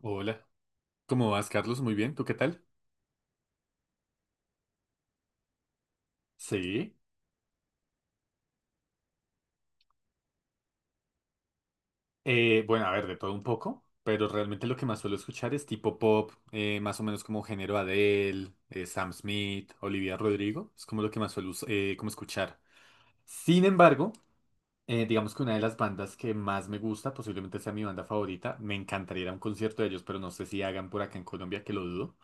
Hola, ¿cómo vas, Carlos? Muy bien, ¿tú qué tal? Sí. Bueno, a ver, de todo un poco, pero realmente lo que más suelo escuchar es tipo pop, más o menos como género Adele, Sam Smith, Olivia Rodrigo, es como lo que más suelo como escuchar. Sin embargo, digamos que una de las bandas que más me gusta, posiblemente sea mi banda favorita, me encantaría ir a un concierto de ellos, pero no sé si hagan por acá en Colombia, que lo dudo.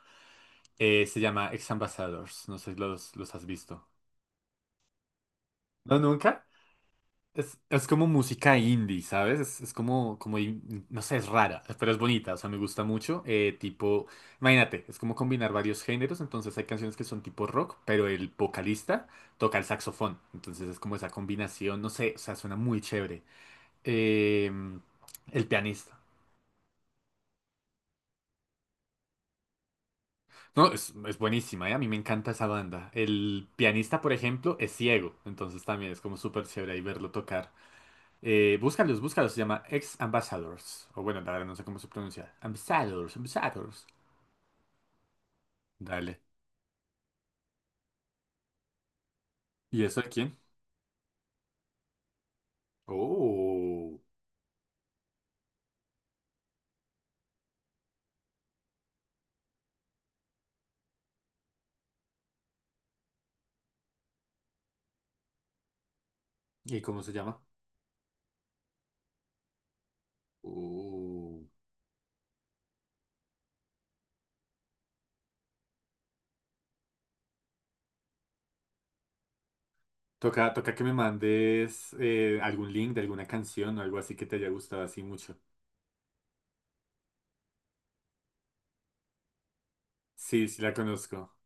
Se llama Ex Ambassadors, no sé si los has visto. ¿No, nunca? Es como música indie, ¿sabes? Es como, no sé, es rara, pero es bonita, o sea, me gusta mucho. Tipo imagínate, es como combinar varios géneros, entonces hay canciones que son tipo rock, pero el vocalista toca el saxofón, entonces es como esa combinación, no sé, o sea, suena muy chévere. Em, el pianista. No, es buenísima, ¿eh? A mí me encanta esa banda. El pianista, por ejemplo, es ciego, entonces también es como súper chévere ahí verlo tocar. Búscalos, búscalos. Se llama Ex Ambassadors. O bueno, la verdad no sé cómo se pronuncia. Ambassadors, Ambassadors. Dale. ¿Y eso de quién? Oh. ¿Y cómo se llama? Oh. Toca, toca que me mandes algún link de alguna canción o algo así que te haya gustado así mucho. Sí, sí la conozco.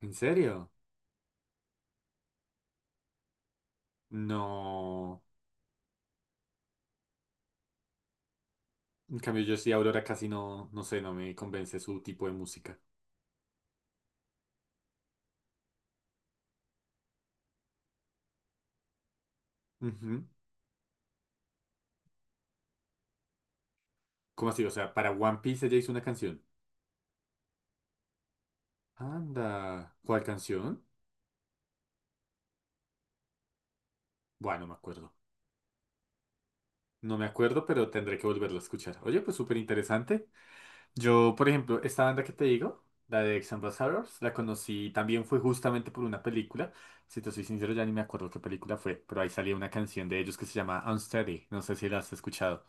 ¿En serio? No. En cambio, yo sí, Aurora casi no, no sé, no me convence su tipo de música. Ujú. ¿Cómo así? O sea, para One Piece ella hizo una canción. Anda. ¿Cuál canción? Bueno, no me acuerdo. No me acuerdo, pero tendré que volverlo a escuchar. Oye, pues súper interesante. Yo, por ejemplo, esta banda que te digo, la de Ex Ambassadors, la conocí también fue justamente por una película. Si te soy sincero, ya ni me acuerdo qué película fue, pero ahí salía una canción de ellos que se llama Unsteady. No sé si la has escuchado.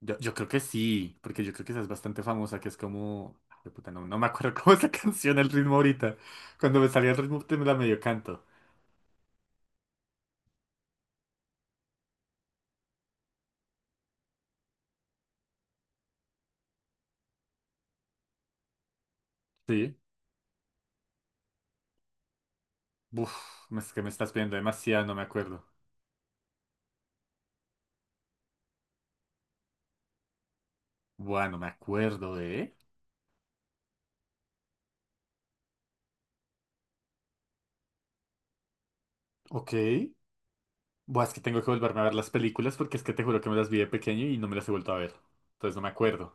Yo creo que sí, porque yo creo que esa es bastante famosa, que es como... Ah, de puta, no me acuerdo cómo es la canción, el ritmo ahorita. Cuando me salía el ritmo, te me la medio canto. Sí. Uf, es que me estás pidiendo demasiado, no me acuerdo. Bueno, me acuerdo de... Ok. Buah, es que tengo que volverme a ver las películas porque es que te juro que me las vi de pequeño y no me las he vuelto a ver. Entonces no me acuerdo.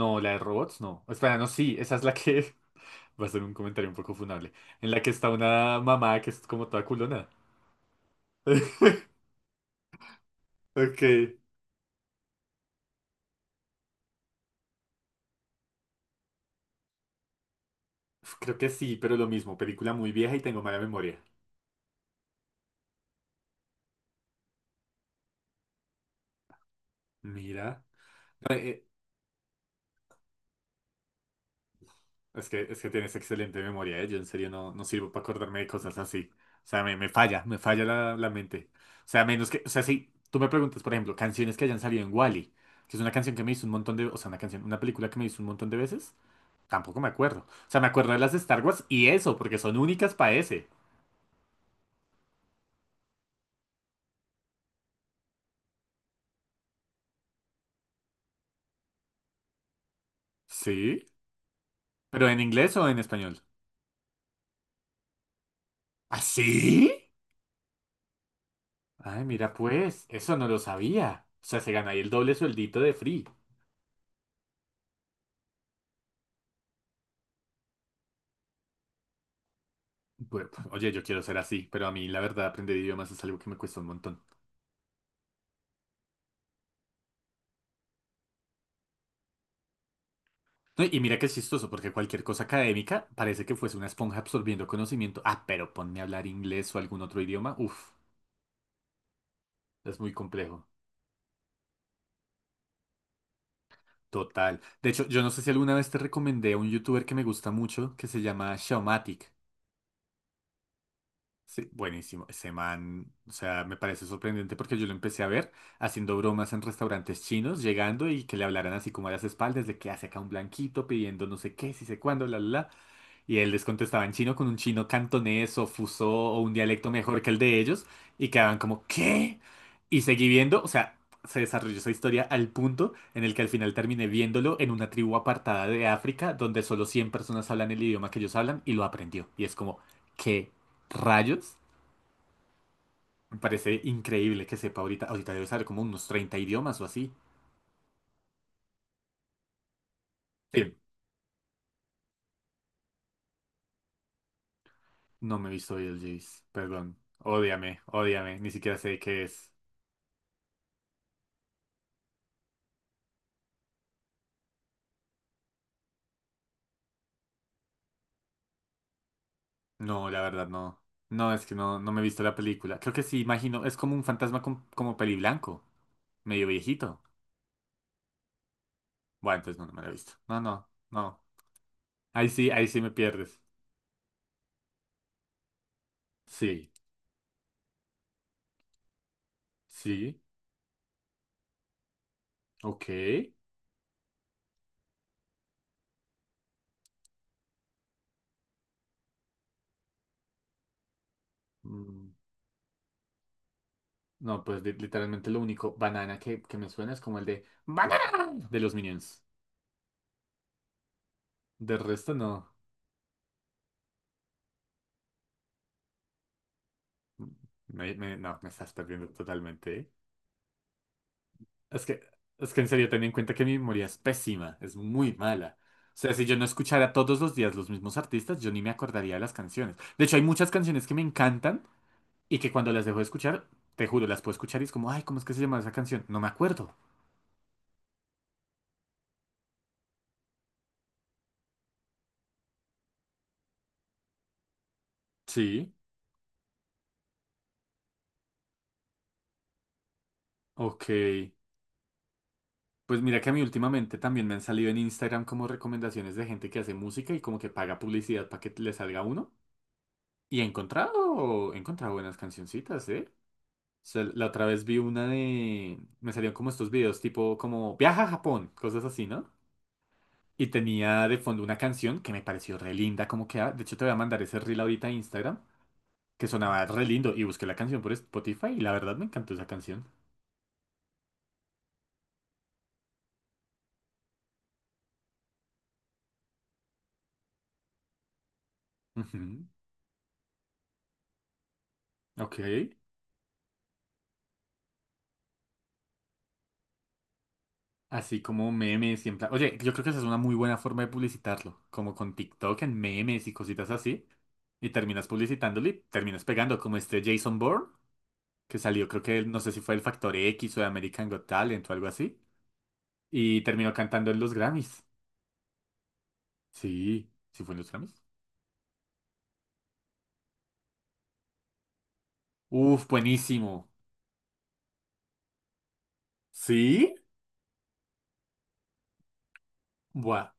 No, la de robots, no. Espera, no, sí, esa es la que... Va a ser un comentario un poco funable. En la que está una mamá que es como toda culona. Ok. Uf, creo que sí, pero lo mismo. Película muy vieja y tengo mala memoria. Mira. No. Es que tienes excelente memoria, ¿eh? Yo en serio no, no sirvo para acordarme de cosas así. O sea, me falla, me falla la mente. O sea, menos que, o sea, si tú me preguntas, por ejemplo, canciones que hayan salido en Wall-E, que es una canción que me hizo un montón de, o sea, una canción, una película que me hizo un montón de veces, tampoco me acuerdo. O sea, me acuerdo de las de Star Wars y eso, porque son únicas para ese. ¿Sí? ¿Pero en inglés o en español? ¿Así? Ay, mira, pues, eso no lo sabía. O sea, se gana ahí el doble sueldito de Free. Pues, oye, yo quiero ser así, pero a mí la verdad aprender idiomas es algo que me cuesta un montón. No, y mira que es chistoso, porque cualquier cosa académica parece que fuese una esponja absorbiendo conocimiento. Ah, pero ponme a hablar inglés o algún otro idioma. Uf, es muy complejo. Total. De hecho, yo no sé si alguna vez te recomendé a un youtuber que me gusta mucho, que se llama Xiaomatic. Sí, buenísimo. Ese man, o sea, me parece sorprendente porque yo lo empecé a ver haciendo bromas en restaurantes chinos, llegando y que le hablaran así como a las espaldas de que hace acá un blanquito pidiendo no sé qué, si sé cuándo, la, la, la. Y él les contestaba en chino con un chino cantonés o fuso o un dialecto mejor que el de ellos. Y quedaban como, ¿qué? Y seguí viendo, o sea, se desarrolló esa historia al punto en el que al final terminé viéndolo en una tribu apartada de África donde solo 100 personas hablan el idioma que ellos hablan y lo aprendió. Y es como, ¿qué rayos? Me parece increíble que sepa ahorita. Ahorita debe saber como unos 30 idiomas o así. Sí. No me he visto hoy el Jace, perdón. Ódiame, ódiame. Ni siquiera sé qué es. No, la verdad no. No, es que no me he visto la película. Creo que sí, imagino. Es como un fantasma como peli blanco, medio viejito. Bueno, entonces no me la he visto. No, no, no. Ahí sí me pierdes. Sí, sí, ok. Mm, No, pues literalmente lo único banana que me suena es como el de banana de los Minions. De resto no. Mm, no, me estás perdiendo totalmente, ¿eh? Es que, es que en serio, ten en cuenta que mi memoria es pésima, es muy mala. O sea, si yo no escuchara todos los días los mismos artistas, yo ni me acordaría de las canciones. De hecho, hay muchas canciones que me encantan y que cuando las dejo de escuchar, te juro, las puedo escuchar y es como, ay, ¿cómo es que se llama esa canción? No me acuerdo. Sí, ok. Pues mira que a mí últimamente también me han salido en Instagram como recomendaciones de gente que hace música y como que paga publicidad para que le salga uno. Y he encontrado buenas cancioncitas, ¿eh? Sea, la otra vez vi una de... Me salieron como estos videos, tipo como viaja a Japón, cosas así, ¿no? Y tenía de fondo una canción que me pareció re linda, como que... ah, de hecho, te voy a mandar ese reel ahorita a Instagram, que sonaba re lindo. Y busqué la canción por Spotify y la verdad me encantó esa canción. Ujú, ok. Así como memes siempre. Oye, yo creo que esa es una muy buena forma de publicitarlo. Como con TikTok en memes y cositas así. Y terminas publicitándolo y terminas pegando como este Jason Bourne, que salió, creo que no sé si fue el Factor X o de American Got Talent o algo así. Y terminó cantando en los Grammys. Sí, sí fue en los Grammys. Uf, buenísimo. ¿Sí? Buah.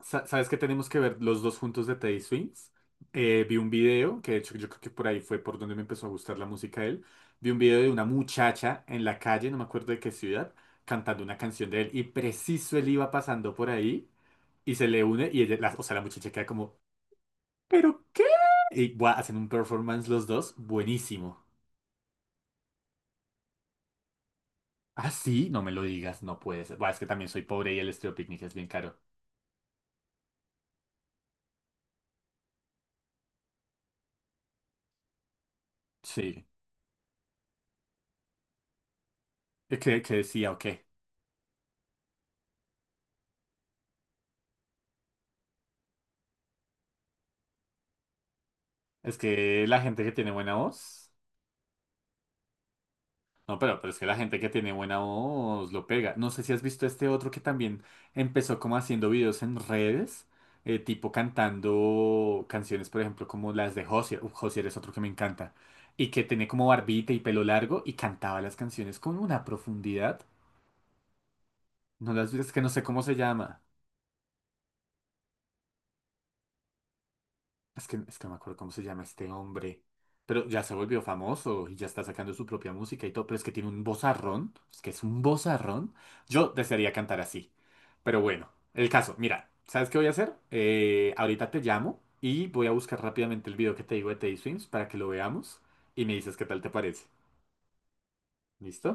¿Sabes qué tenemos que ver los dos juntos de Teddy Swings? Vi un video, que de hecho yo creo que por ahí fue por donde me empezó a gustar la música de él. Vi un video de una muchacha en la calle, no me acuerdo de qué ciudad, cantando una canción de él. Y preciso él iba pasando por ahí y se le une y ella, la- o sea, la muchacha queda como, ¿pero qué? Y buah, hacen un performance los dos buenísimo. Ah, sí, no me lo digas, no puede ser. Buah, es que también soy pobre y el estudio picnic es bien caro. Sí. ¿Qué, qué decía o qué? Es que la gente que tiene buena voz. No, pero es que la gente que tiene buena voz lo pega. No sé si has visto este otro que también empezó como haciendo videos en redes, tipo cantando canciones, por ejemplo, como las de Josier. Uf, Josier es otro que me encanta. Y que tiene como barbita y pelo largo y cantaba las canciones con una profundidad. No las vi, es que no sé cómo se llama. Es que no me acuerdo cómo se llama este hombre. Pero ya se volvió famoso y ya está sacando su propia música y todo. Pero es que tiene un vozarrón. Es que es un vozarrón. Yo desearía cantar así. Pero bueno, el caso. Mira, ¿sabes qué voy a hacer? Ahorita te llamo y voy a buscar rápidamente el video que te digo de Teddy Swims para que lo veamos y me dices qué tal te parece. ¿Listo?